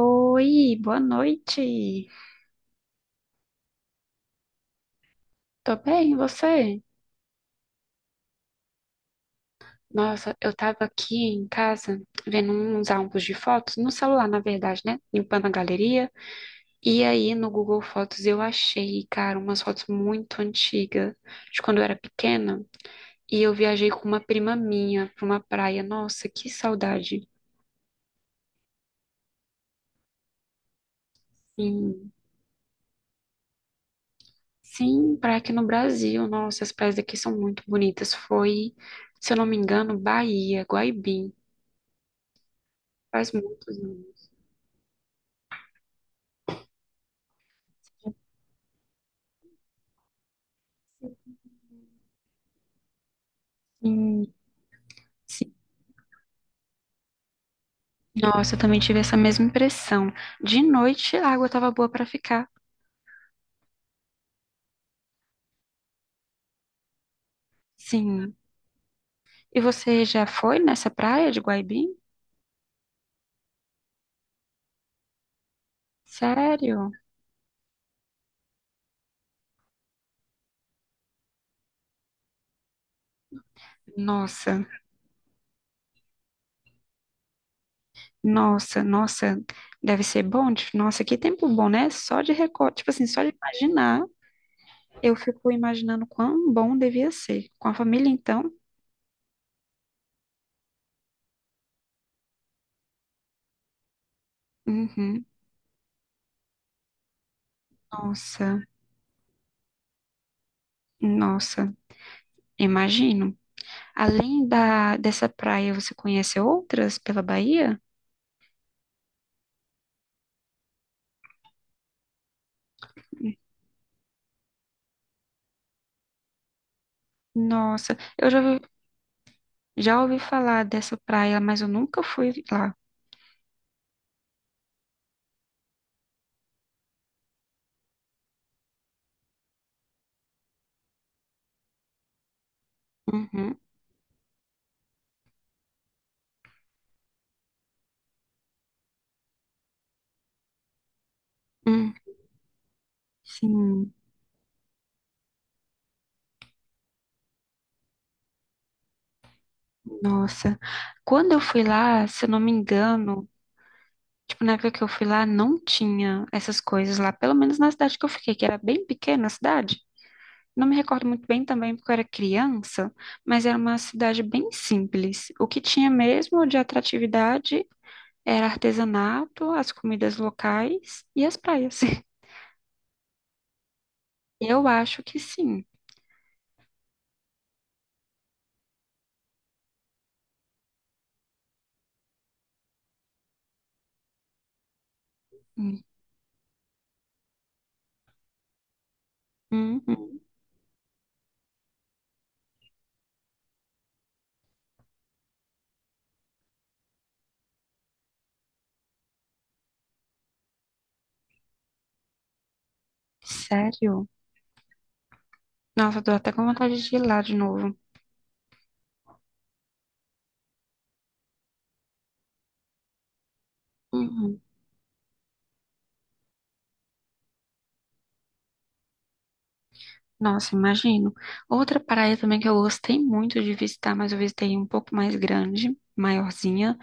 Oi, boa noite. Tô bem, e você? Nossa, eu tava aqui em casa vendo uns álbuns de fotos, no celular, na verdade, né? Limpando a galeria. E aí no Google Fotos eu achei, cara, umas fotos muito antigas, de quando eu era pequena. E eu viajei com uma prima minha pra uma praia. Nossa, que saudade. Sim, sim, praia aqui no Brasil. Nossa, as praias daqui são muito bonitas. Foi, se eu não me engano, Bahia, Guaibim. Faz muitos anos. Sim. Sim. Nossa, eu também tive essa mesma impressão. De noite a água estava boa para ficar. Sim. E você já foi nessa praia de Guaibim? Sério? Nossa, nossa, nossa. Deve ser bom. Nossa, que tempo bom, né? Só de recorte, tipo assim, só de imaginar, eu fico imaginando quão bom devia ser. Com a família, então? Uhum. Nossa, nossa. Imagino. Além da dessa praia, você conhece outras pela Bahia? Nossa, eu já Já ouvi falar dessa praia, mas eu nunca fui lá. Uhum, hum, sim, nossa. Quando eu fui lá, se eu não me engano, tipo, na época que eu fui lá, não tinha essas coisas lá, pelo menos na cidade que eu fiquei, que era bem pequena a cidade. Não me recordo muito bem também, porque eu era criança, mas era uma cidade bem simples. O que tinha mesmo de atratividade era artesanato, as comidas locais e as praias. Eu acho que sim. Uhum, sério? Nossa, eu tô até com vontade de ir lá de novo. Uhum. Nossa, imagino. Outra praia também que eu gostei muito de visitar, mas eu visitei um pouco mais grande, maiorzinha,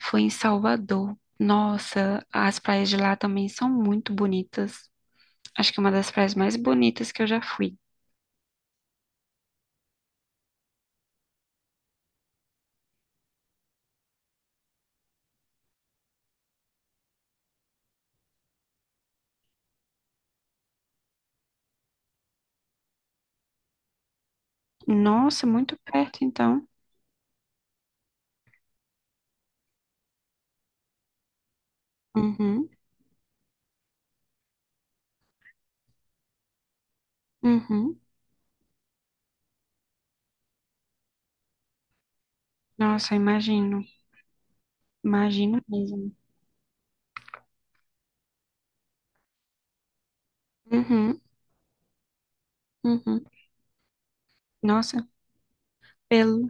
foi em Salvador. Nossa, as praias de lá também são muito bonitas. Acho que é uma das praias mais bonitas que eu já fui. Nossa, muito perto, então. Uhum, uhum. Nossa, imagino. Imagino mesmo. Uhum, uhum. Nossa, pelo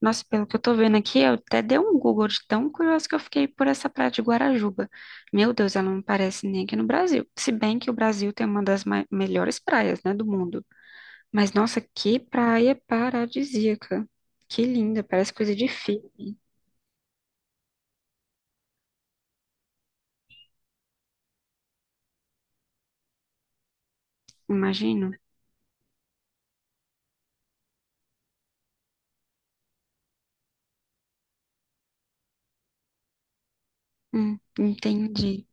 Nossa, pelo que eu tô vendo aqui, eu até dei um Google de tão curioso que eu fiquei por essa praia de Guarajuba. Meu Deus, ela não parece nem aqui no Brasil. Se bem que o Brasil tem uma das melhores praias, né, do mundo. Mas nossa, que praia paradisíaca. Que linda, parece coisa de filme, imagino. Entendi.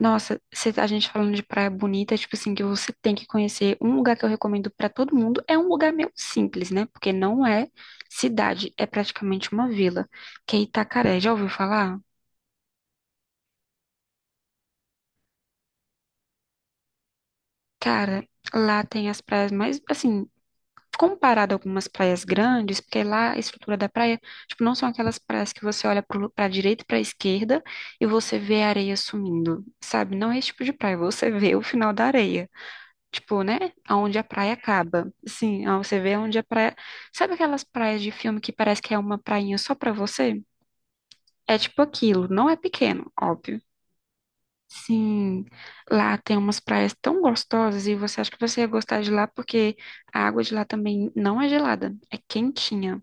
Nossa, se a gente falando de praia bonita, tipo assim, que você tem que conhecer, um lugar que eu recomendo pra todo mundo é um lugar meio simples, né? Porque não é cidade, é praticamente uma vila, que é Itacaré. Já ouviu falar? Cara, lá tem as praias mais, assim, comparado a algumas praias grandes, porque lá a estrutura da praia, tipo, não são aquelas praias que você olha pra direita e pra esquerda e você vê a areia sumindo, sabe? Não é esse tipo de praia, você vê o final da areia. Tipo, né? Aonde a praia acaba. Sim, ah, você vê onde a praia. Sabe aquelas praias de filme que parece que é uma prainha só pra você? É tipo aquilo, não é pequeno, óbvio. Sim, lá tem umas praias tão gostosas e você acha que você ia gostar de lá porque a água de lá também não é gelada, é quentinha.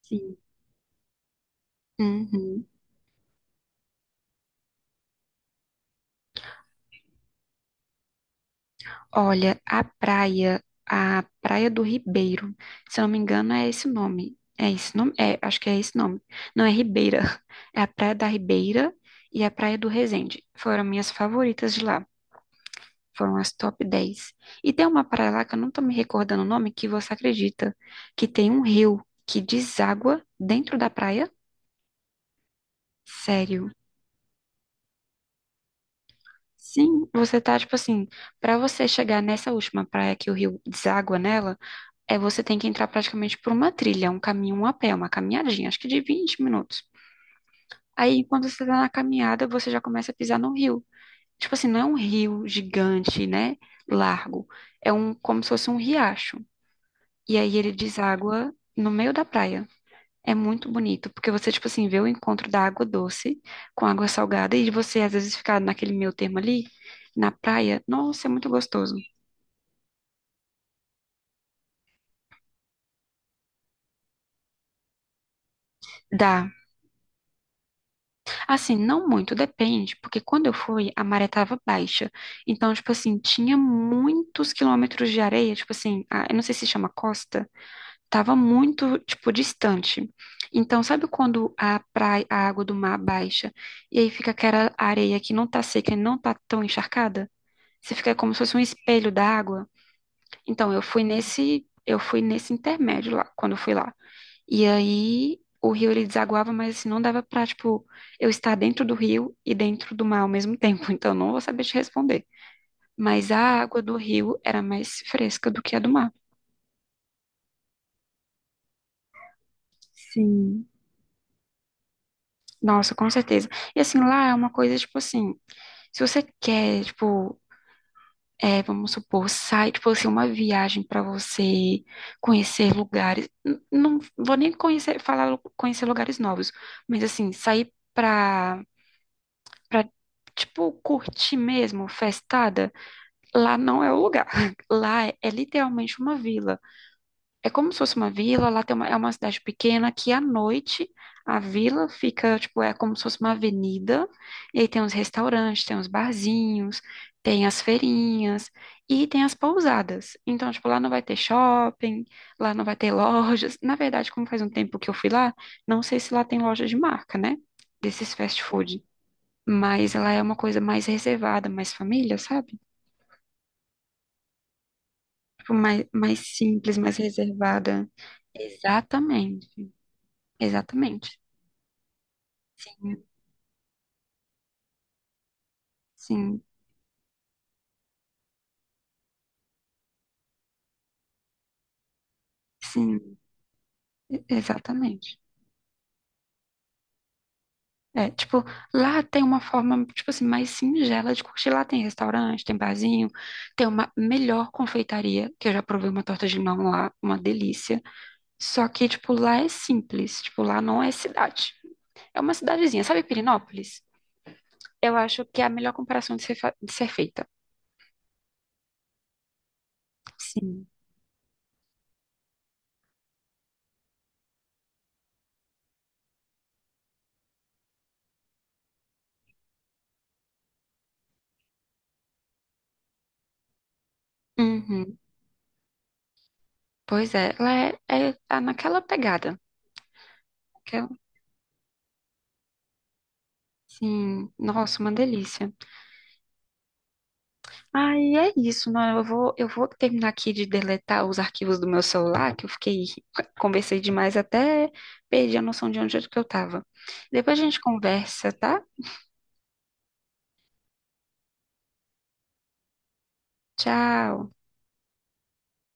Sim. Uhum. Olha, a Praia do Ribeiro, se eu não me engano, é esse o nome. É esse nome? É, acho que é esse nome. Não é Ribeira. É a Praia da Ribeira e a Praia do Resende. Foram minhas favoritas de lá. Foram as top 10. E tem uma praia lá que eu não tô me recordando o nome, que você acredita, que tem um rio que deságua dentro da praia? Sério. Sim, você tá tipo assim, pra você chegar nessa última praia que o rio deságua nela, é você tem que entrar praticamente por uma trilha, um caminho um a pé, uma caminhadinha, acho que de 20 minutos. Aí, enquanto você tá na caminhada, você já começa a pisar no rio. Tipo assim, não é um rio gigante, né? Largo. É um, como se fosse um riacho. E aí ele deságua no meio da praia. É muito bonito, porque você, tipo assim, vê o encontro da água doce com água salgada e você, às vezes, ficar naquele meio termo ali, na praia. Nossa, é muito gostoso. Dá, assim, não muito, depende, porque quando eu fui, a maré tava baixa. Então, tipo assim, tinha muitos quilômetros de areia, tipo assim, eu não sei se chama costa, tava muito, tipo, distante. Então, sabe quando a praia, a água do mar baixa, e aí fica aquela areia que não tá seca e não tá tão encharcada? Você fica como se fosse um espelho da água. Então, eu fui nesse intermédio lá, quando eu fui lá. E aí o rio ele desaguava, mas assim, não dava pra, tipo, eu estar dentro do rio e dentro do mar ao mesmo tempo. Então não vou saber te responder. Mas a água do rio era mais fresca do que a do mar. Sim. Nossa, com certeza. E assim, lá é uma coisa, tipo assim, se você quer, tipo, é, vamos supor, sai, tipo assim, uma viagem pra você conhecer lugares. Não vou nem conhecer, falar conhecer lugares novos, mas assim, sair pra pra, tipo, curtir mesmo, festada, lá não é o lugar. Lá é literalmente uma vila. É como se fosse uma vila, é uma cidade pequena que à noite a vila fica, tipo, é como se fosse uma avenida, e aí tem uns restaurantes, tem uns barzinhos, tem as feirinhas e tem as pousadas. Então, tipo, lá não vai ter shopping, lá não vai ter lojas. Na verdade, como faz um tempo que eu fui lá, não sei se lá tem loja de marca, né? Desses fast food, mas ela é uma coisa mais reservada, mais família, sabe? Tipo, mais simples, mais reservada. Exatamente, exatamente. Sim, sim, sim, exatamente. É, tipo, lá tem uma forma, tipo assim, mais singela de curtir. Lá tem restaurante, tem barzinho, tem uma melhor confeitaria, que eu já provei uma torta de limão lá, uma delícia. Só que, tipo, lá é simples, tipo, lá não é cidade. É uma cidadezinha, sabe Pirinópolis. Eu acho que é a melhor comparação de ser feita. Sim. Uhum. Pois é, ela tá naquela pegada. Que sim, nossa, uma delícia. Aí é isso, mano. Eu vou terminar aqui de deletar os arquivos do meu celular, que eu fiquei, conversei demais até perdi a noção de onde é que eu tava. Depois a gente conversa, tá? Tchau.